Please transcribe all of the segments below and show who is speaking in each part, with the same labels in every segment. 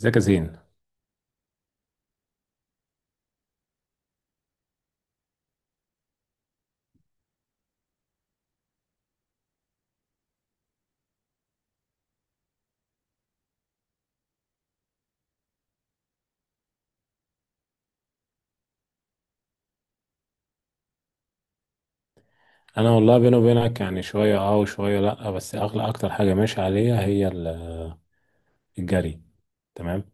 Speaker 1: ازيك يا زين؟ انا والله بيني وبينك يعني شويه اه وشويه لا، بس اغلى اكتر حاجه ماشي عليها هي الجري. تمام.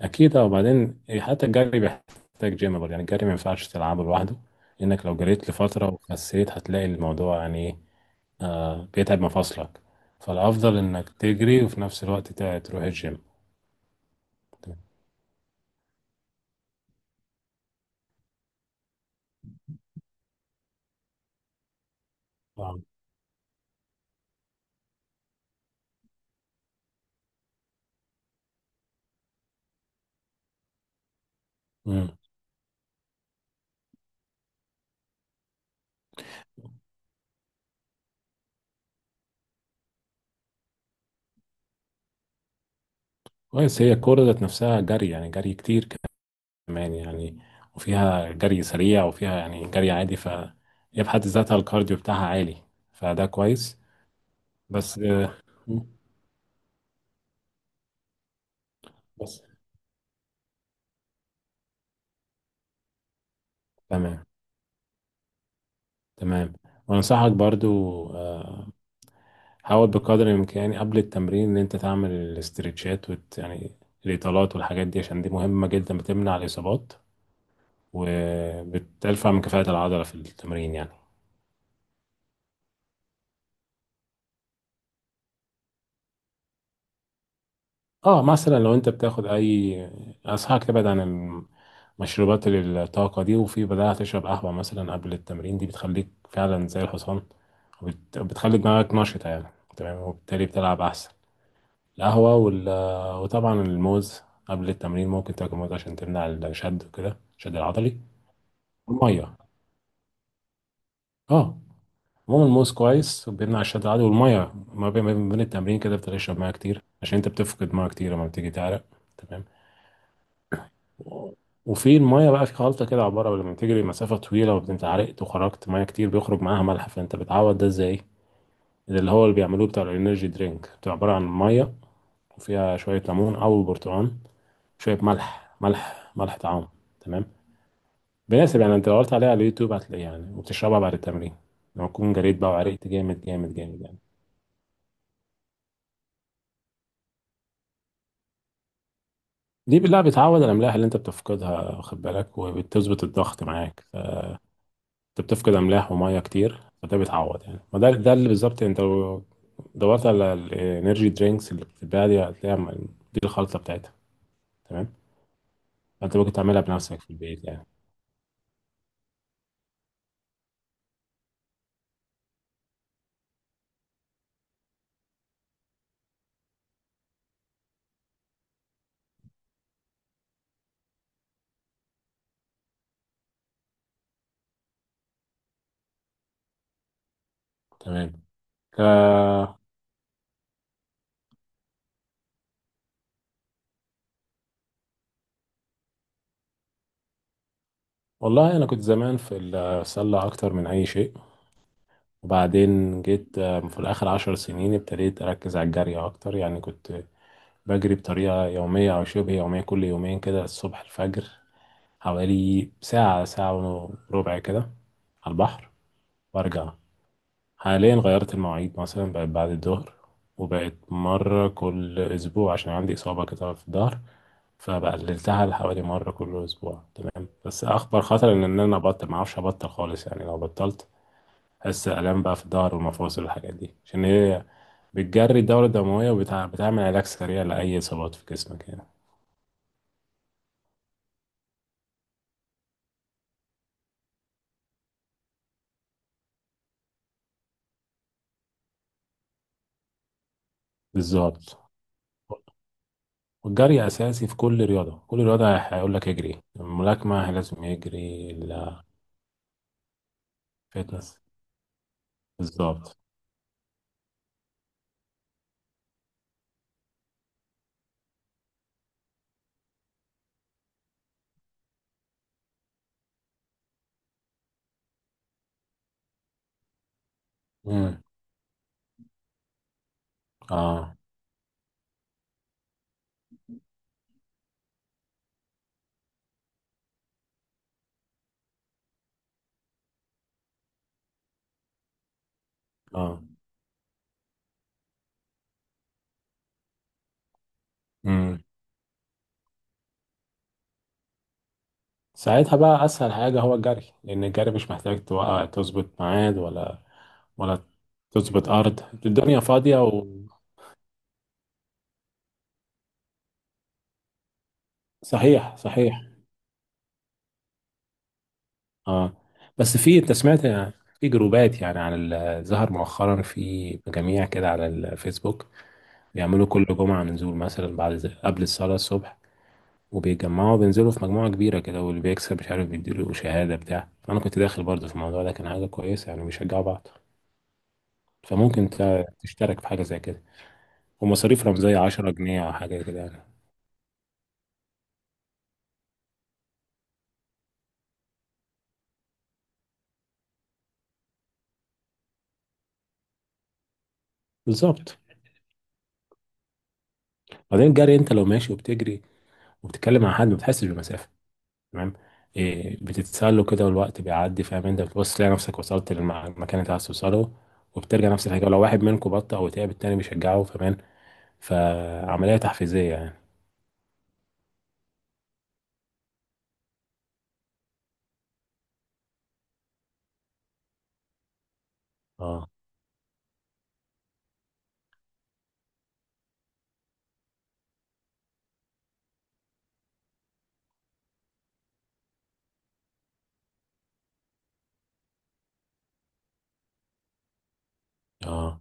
Speaker 1: اكيد اه، وبعدين حتى الجري بيحتاج جيم برضه. يعني الجري ما ينفعش تلعبه لوحده، لانك لو جريت لفتره وخسيت هتلاقي الموضوع يعني ايه، آه، بيتعب مفاصلك. فالافضل انك تجري وفي نفس الوقت تروح الجيم. تمام. طبعاً. امم، كويس. هي الكوره ذات نفسها جري، يعني جري كتير كمان يعني، وفيها جري سريع وفيها يعني جري عادي، ف هي في حد ذاتها الكارديو بتاعها عالي، فده كويس. بس آه، بس تمام. تمام، وانصحك برضو، آه، حاول بقدر الامكان قبل التمرين ان انت تعمل الاسترتشات يعني الاطالات والحاجات دي، عشان دي مهمة جدا، بتمنع الاصابات وبترفع من كفاءة العضلة في التمرين يعني. اه مثلا لو انت بتاخد اي، انصحك تبعد عن المشروبات الطاقه دي، وفي بدأت تشرب قهوه مثلا قبل التمرين، دي بتخليك فعلا زي الحصان، وبت- بتخلي دماغك نشطه يعني. تمام، وبالتالي بتلعب احسن. القهوه وال...، وطبعا الموز قبل التمرين ممكن تاكل موز عشان تمنع الشد وكده، الشد العضلي والميه. اه، عموما الموز كويس وبيمنع الشد العضلي، والميه ما بين التمرين كده بتشرب ميه كتير عشان انت بتفقد ميه كتير لما بتيجي تعرق. تمام. وفي المية بقى في خلطة كده، عبارة لما تجري مسافة طويلة وانت عرقت وخرجت مية كتير، بيخرج معاها ملح، فانت بتعوض ده ازاي؟ ده اللي هو اللي بيعملوه بتاع الانرجي درينك، بتبقى عبارة عن مية وفيها شوية ليمون أو برتقال، شوية ملح، ملح ملح طعام. تمام؟ بيناسب يعني، انت لو دورت عليها على اليوتيوب هتلاقيه يعني، وبتشربها بعد التمرين لما تكون جريت بقى وعرقت جامد جامد جامد يعني. دي بالله بتعوض الأملاح اللي انت بتفقدها، واخد بالك، وبتظبط الضغط معاك. انت بتفقد املاح وميه كتير فده بيتعوض يعني، ما ده اللي بالظبط انت لو دورت على الانرجي درينكس اللي بتتباع دي هتلاقيها، دي الخلطه بتاعتها. تمام. انت ممكن تعملها بنفسك في البيت يعني. تمام. ك... والله انا كنت زمان في السله اكتر من اي شيء، وبعدين جيت آه، في الاخر 10 سنين ابتديت اركز على الجري اكتر. يعني كنت بجري بطريقه يوميه او شبه يوميه كل يومين كده الصبح الفجر، حوالي ساعه، ساعه وربع كده، على البحر وارجع. حاليا غيرت المواعيد، مثلا بقت بعد الظهر، وبقت مرة كل أسبوع عشان عندي إصابة كده في الظهر، فبقللتها لحوالي مرة كل أسبوع. تمام، بس أخطر خطر إن أنا أبطل، معرفش أبطل خالص يعني. لو بطلت أحس آلام بقى في الظهر والمفاصل والحاجات دي، عشان هي بتجري الدورة الدموية وبتعمل علاج سريع لأي إصابات في جسمك يعني. بالظبط. والجري أساسي في كل رياضة، كل رياضة هيقول لك اجري، الملاكمة لازم يجري، الفتنس، بالظبط. مم. اه اه. امم. ساعتها بقى اسهل حاجه هو الجري، لان الجري مش محتاج توقع، تظبط ميعاد ولا ولا تظبط ارض، الدنيا فاضيه و...، صحيح صحيح. اه بس في، انت سمعت في جروبات يعني على ظهر مؤخرا، في مجاميع كده على الفيسبوك بيعملوا كل جمعه نزول مثلا بعد قبل الصلاه الصبح، وبيتجمعوا بينزلوا في مجموعه كبيره كده، واللي بيكسب مش عارف بيديله شهاده بتاع. انا كنت داخل برضه في الموضوع ده، كان حاجه كويسه يعني، بيشجعوا بعض. فممكن تشترك في حاجة زي كده، ومصاريف رمزية 10 جنيه أو حاجة كده يعني. بالظبط. بعدين الجري أنت لو ماشي وبتجري وبتتكلم مع حد ما بتحسش بالمسافة. تمام. إيه، بتتسله كده والوقت بيعدي، فاهم؟ أنت بتبص تلاقي نفسك وصلت للمكان اللي أنت عايز توصله، وبترجع نفس الحاجة، ولو واحد منكم بطأ أو تعب التاني بيشجعه، فاهم؟ فعملية تحفيزية يعني. اه اه.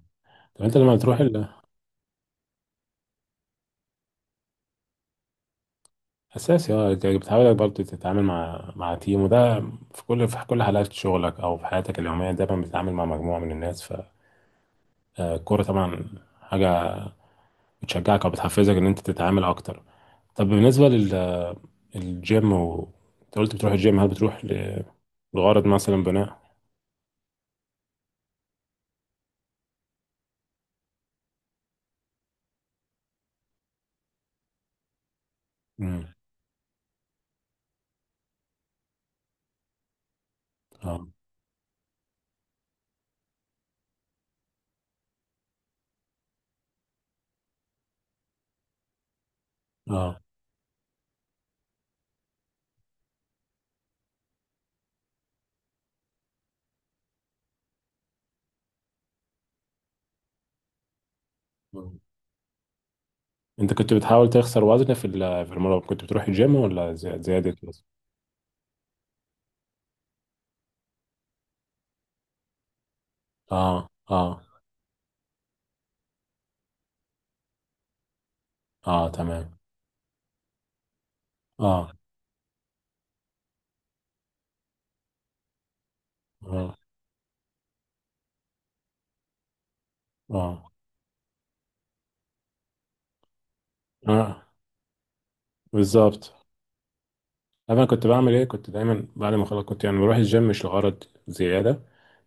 Speaker 1: طب أنت لما بتروح ال...، اساسي، اه انت بتحاول برضه تتعامل مع تيم وده. في كل حالات شغلك او في حياتك اليوميه دايما بتتعامل مع مجموعه من الناس، فالكوره طبعا حاجه بتشجعك او بتحفزك ان انت تتعامل اكتر. طب بالنسبه لل الجيم و...، انت قلت بتروح الجيم، هل بتروح ل- لغرض مثلا بناء؟ امم. اه اه. مم. انت كنت بتحاول تخسر وزن في في المرة كنت بتروح الجيم، ولا زيادة وزن؟ اه اه اه. تمام. اه اه اه، آه. بالظبط. عارف انا كنت بعمل ايه؟ كنت دايما بعد ما خلاص، كنت يعني بروح الجيم مش لغرض زياده،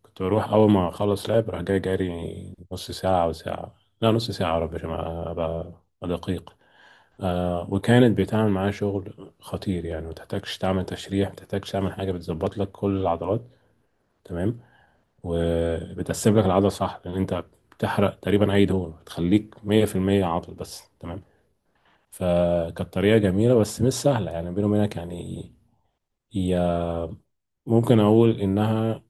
Speaker 1: كنت بروح اول ما اخلص لعب، راح جاي جاري نص ساعه او ساعه، لا نص ساعه يا رب، عشان ابقى أبقى دقيق. آه، وكانت بتعمل معايا شغل خطير يعني، ما تحتاجش تعمل تشريح، ما تحتاجش تعمل حاجه، بتظبط لك كل العضلات. تمام، وبتقسم لك العضله صح، لان انت بتحرق تقريبا اي دهون، بتخليك 100% عضل بس. تمام. فكانت طريقه جميله بس مش سهله يعني، بيني وبينك يعني. هي ممكن اقول انها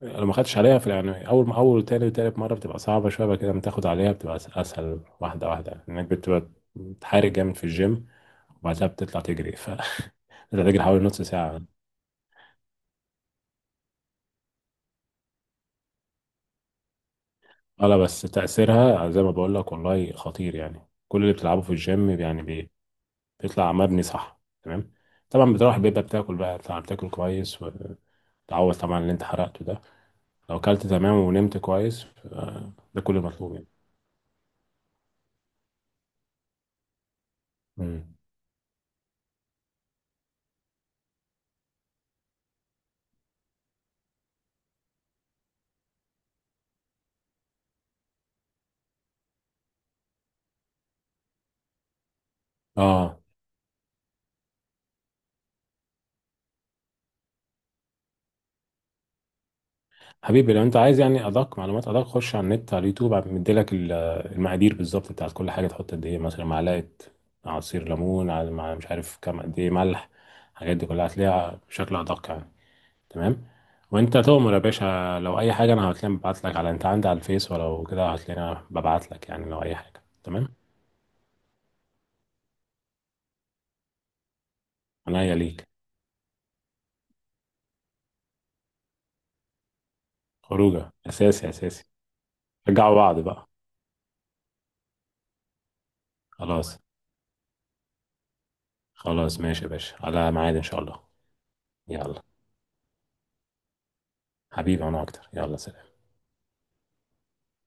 Speaker 1: لو ما خدتش عليها في، يعني اول ما اول تاني وتالت مره بتبقى صعبه شويه، بعد كده لما تاخد عليها بتبقى اسهل، واحده واحده، انك بتبقى بتحارب جامد في الجيم، وبعدها بتطلع تجري ف بتطلع تجري حوالي نص ساعه. اه لا بس تاثيرها زي ما بقول لك والله خطير يعني، كل اللي بتلعبه في الجيم يعني بيطلع مبني صح. تمام. طبعا بتروح بيبقى بتاكل بقى، طبعا بتاكل كويس وتعوض طبعا اللي انت حرقته ده. لو اكلت تمام ونمت كويس ده كل المطلوب يعني. مم. اه. حبيبي لو انت عايز يعني ادق معلومات، ادق، خش على النت على اليوتيوب، مديلك المقادير بالظبط بتاعت كل حاجه، تحط قد ايه مثلا معلقه عصير ليمون على مع مش عارف كام قد ايه ملح، الحاجات دي كلها هتلاقيها بشكل ادق يعني. تمام. وانت تؤمر يا باشا، لو اي حاجه انا هتلاقيني ببعت لك، على انت عندي على الفيس، ولو كده هتلاقيني ببعت لك يعني، لو اي حاجه. تمام، عينيا ليك. خروجه اساسي اساسي، رجعوا بعض بقى. خلاص، خلاص، ماشي يا باشا على ميعاد ان شاء الله. يلا، حبيبي انا اكتر، يلا سلام.